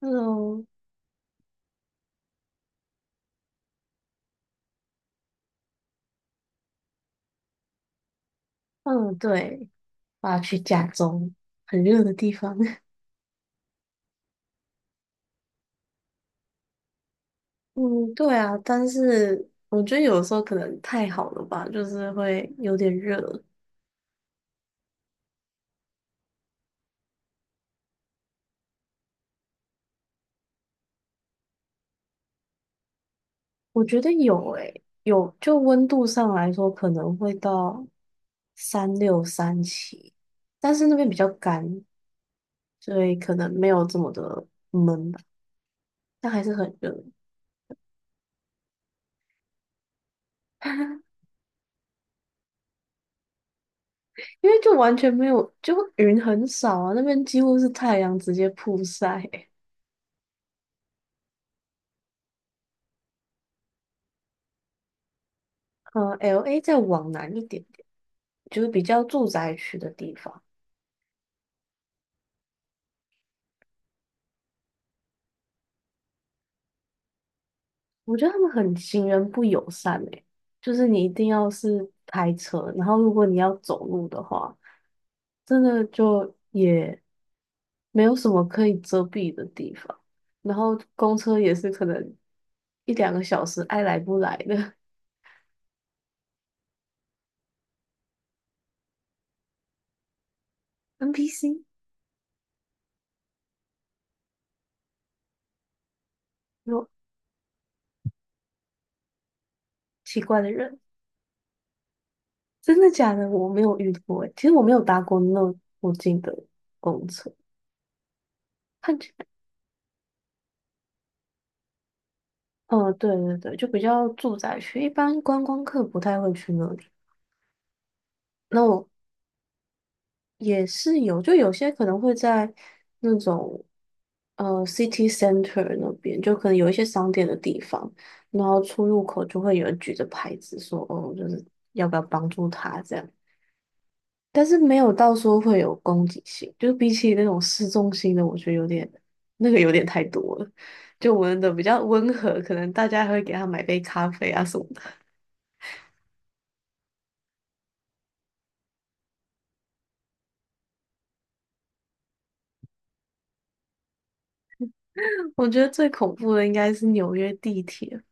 嗯嗯，对，我要去加州，很热的地方。嗯，对啊，但是我觉得有时候可能太好了吧，就是会有点热。我觉得有诶、有就温度上来说，可能会到36 37，但是那边比较干，所以可能没有这么的闷吧，但还是很热。因为就完全没有，就云很少啊，那边几乎是太阳直接曝晒。LA 再往南一点点，就是比较住宅区的地方。我觉得他们很行人不友善诶、就是你一定要是开车，然后如果你要走路的话，真的就也没有什么可以遮蔽的地方，然后公车也是可能一两个小时爱来不来的。 NPC，有奇怪的人。真的假的？我没有遇过诶、其实我没有搭过那我近的公车。嗯，对对对，就比较住宅区，一般观光客不太会去那里。那我也是有，就有些可能会在那种city center 那边，就可能有一些商店的地方，然后出入口就会有人举着牌子说，哦，就是要不要帮助他这样，但是没有到说会有攻击性，就是比起那种市中心的，我觉得有点那个有点太多了。就我们的比较温和，可能大家还会给他买杯咖啡啊什么的。我觉得最恐怖的应该是纽约地铁。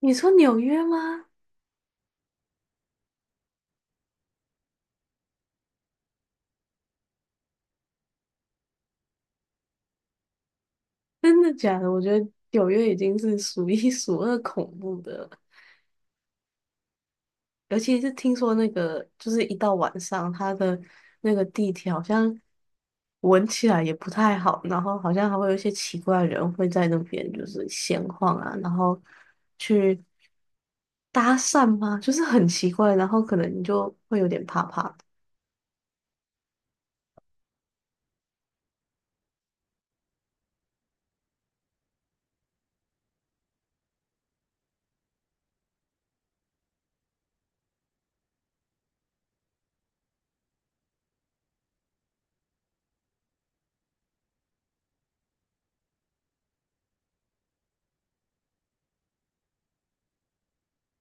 你说纽约吗？真的假的？我觉得纽约已经是数一 数二恐怖的了，尤其是听说那个，就是一到晚上，它的那个地铁好像闻起来也不太好，然后好像还会有一些奇怪的人会在那边就是闲晃啊，然后去搭讪吗？就是很奇怪，然后可能你就会有点怕怕的。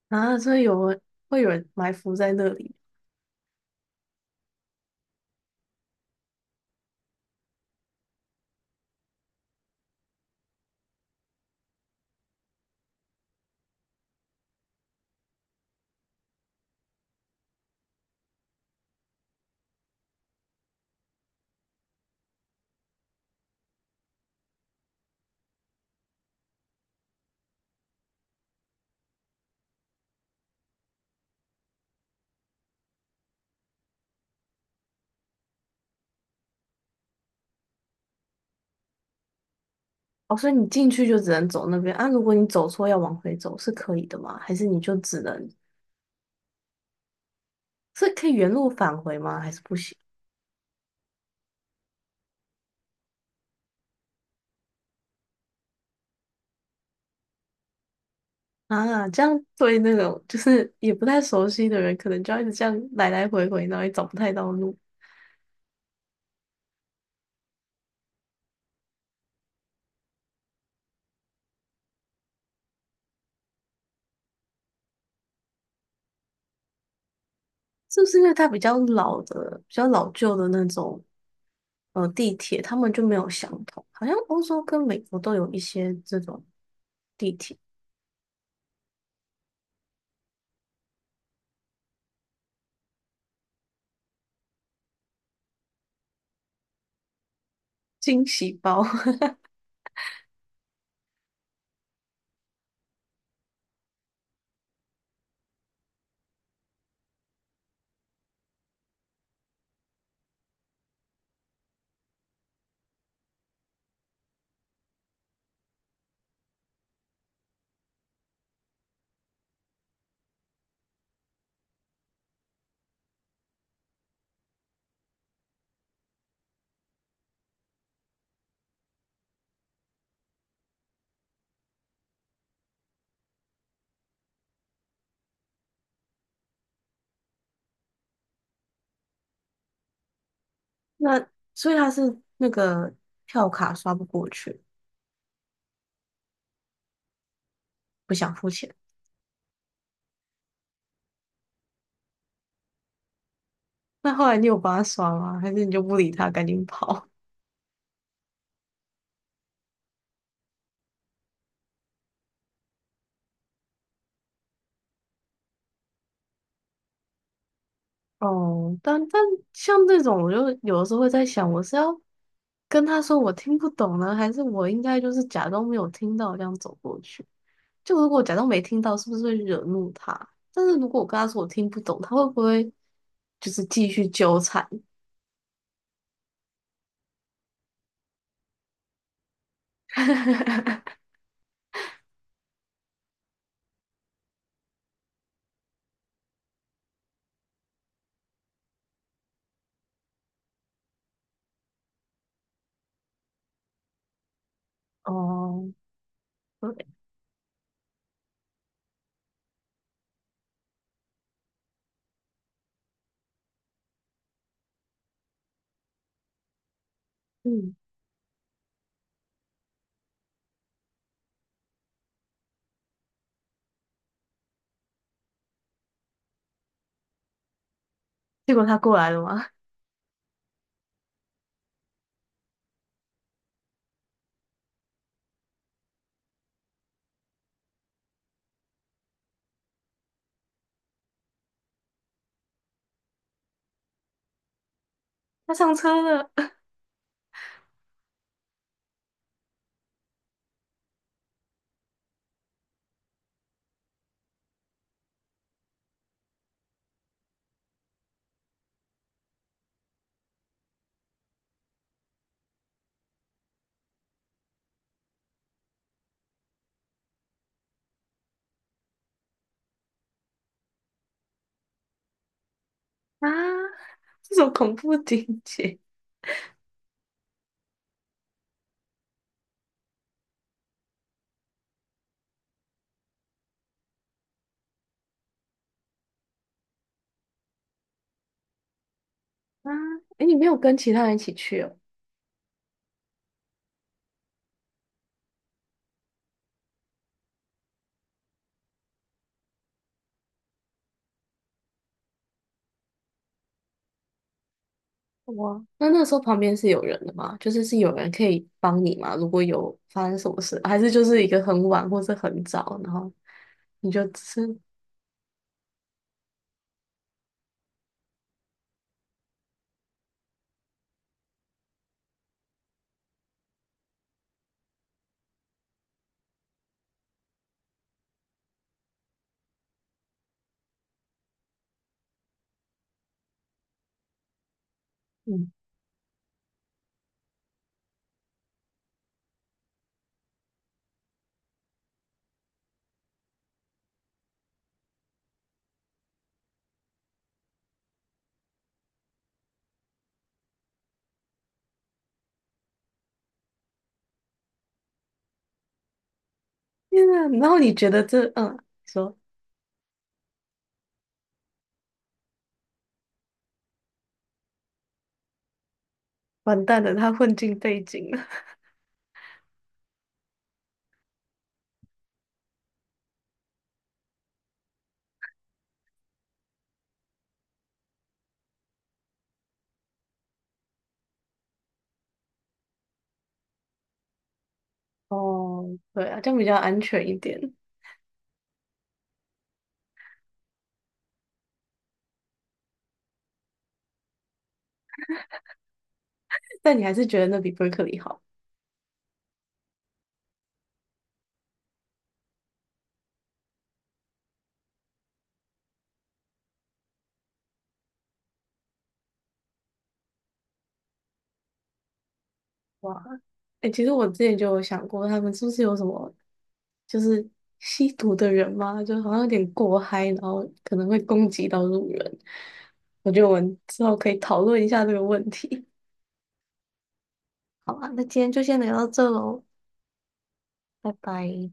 啊，所以有人会有人埋伏在那里。哦，所以你进去就只能走那边啊？如果你走错要往回走是可以的吗？还是你就只能是可以原路返回吗？还是不行啊？这样对那种就是也不太熟悉的人，可能就要一直这样来来回回，然后也找不太到路。是不是因为它比较老的、比较老旧的那种地铁，他们就没有相同？好像欧洲跟美国都有一些这种地铁惊喜包。那所以它是那个票卡刷不过去，不想付钱。那后来你有帮他刷吗？还是你就不理他，赶紧跑？哦，但但像这种，我就有的时候会在想，我是要跟他说我听不懂呢，还是我应该就是假装没有听到这样走过去？就如果我假装没听到，是不是会惹怒他？但是如果我跟他说我听不懂，他会不会就是继续纠缠？哦，对，嗯，结果他过来了吗？他上车了。 啊！这种恐怖情节啊！诶，你没有跟其他人一起去哦？哇，那那时候旁边是有人的吗？就是是有人可以帮你吗？如果有发生什么事，还是就是一个很晚或是很早，然后你就吃，嗯，天啊，然后你觉得这嗯，你说完蛋了，他混进背景了。哦，对啊，这样比较安全一点，但你还是觉得那比伯克利好。哇，哎、其实我之前就有想过，他们是不是有什么就是吸毒的人嘛，就好像有点过嗨，然后可能会攻击到路人。我觉得我们之后可以讨论一下这个问题。好啊，那今天就先聊到这喽，拜拜。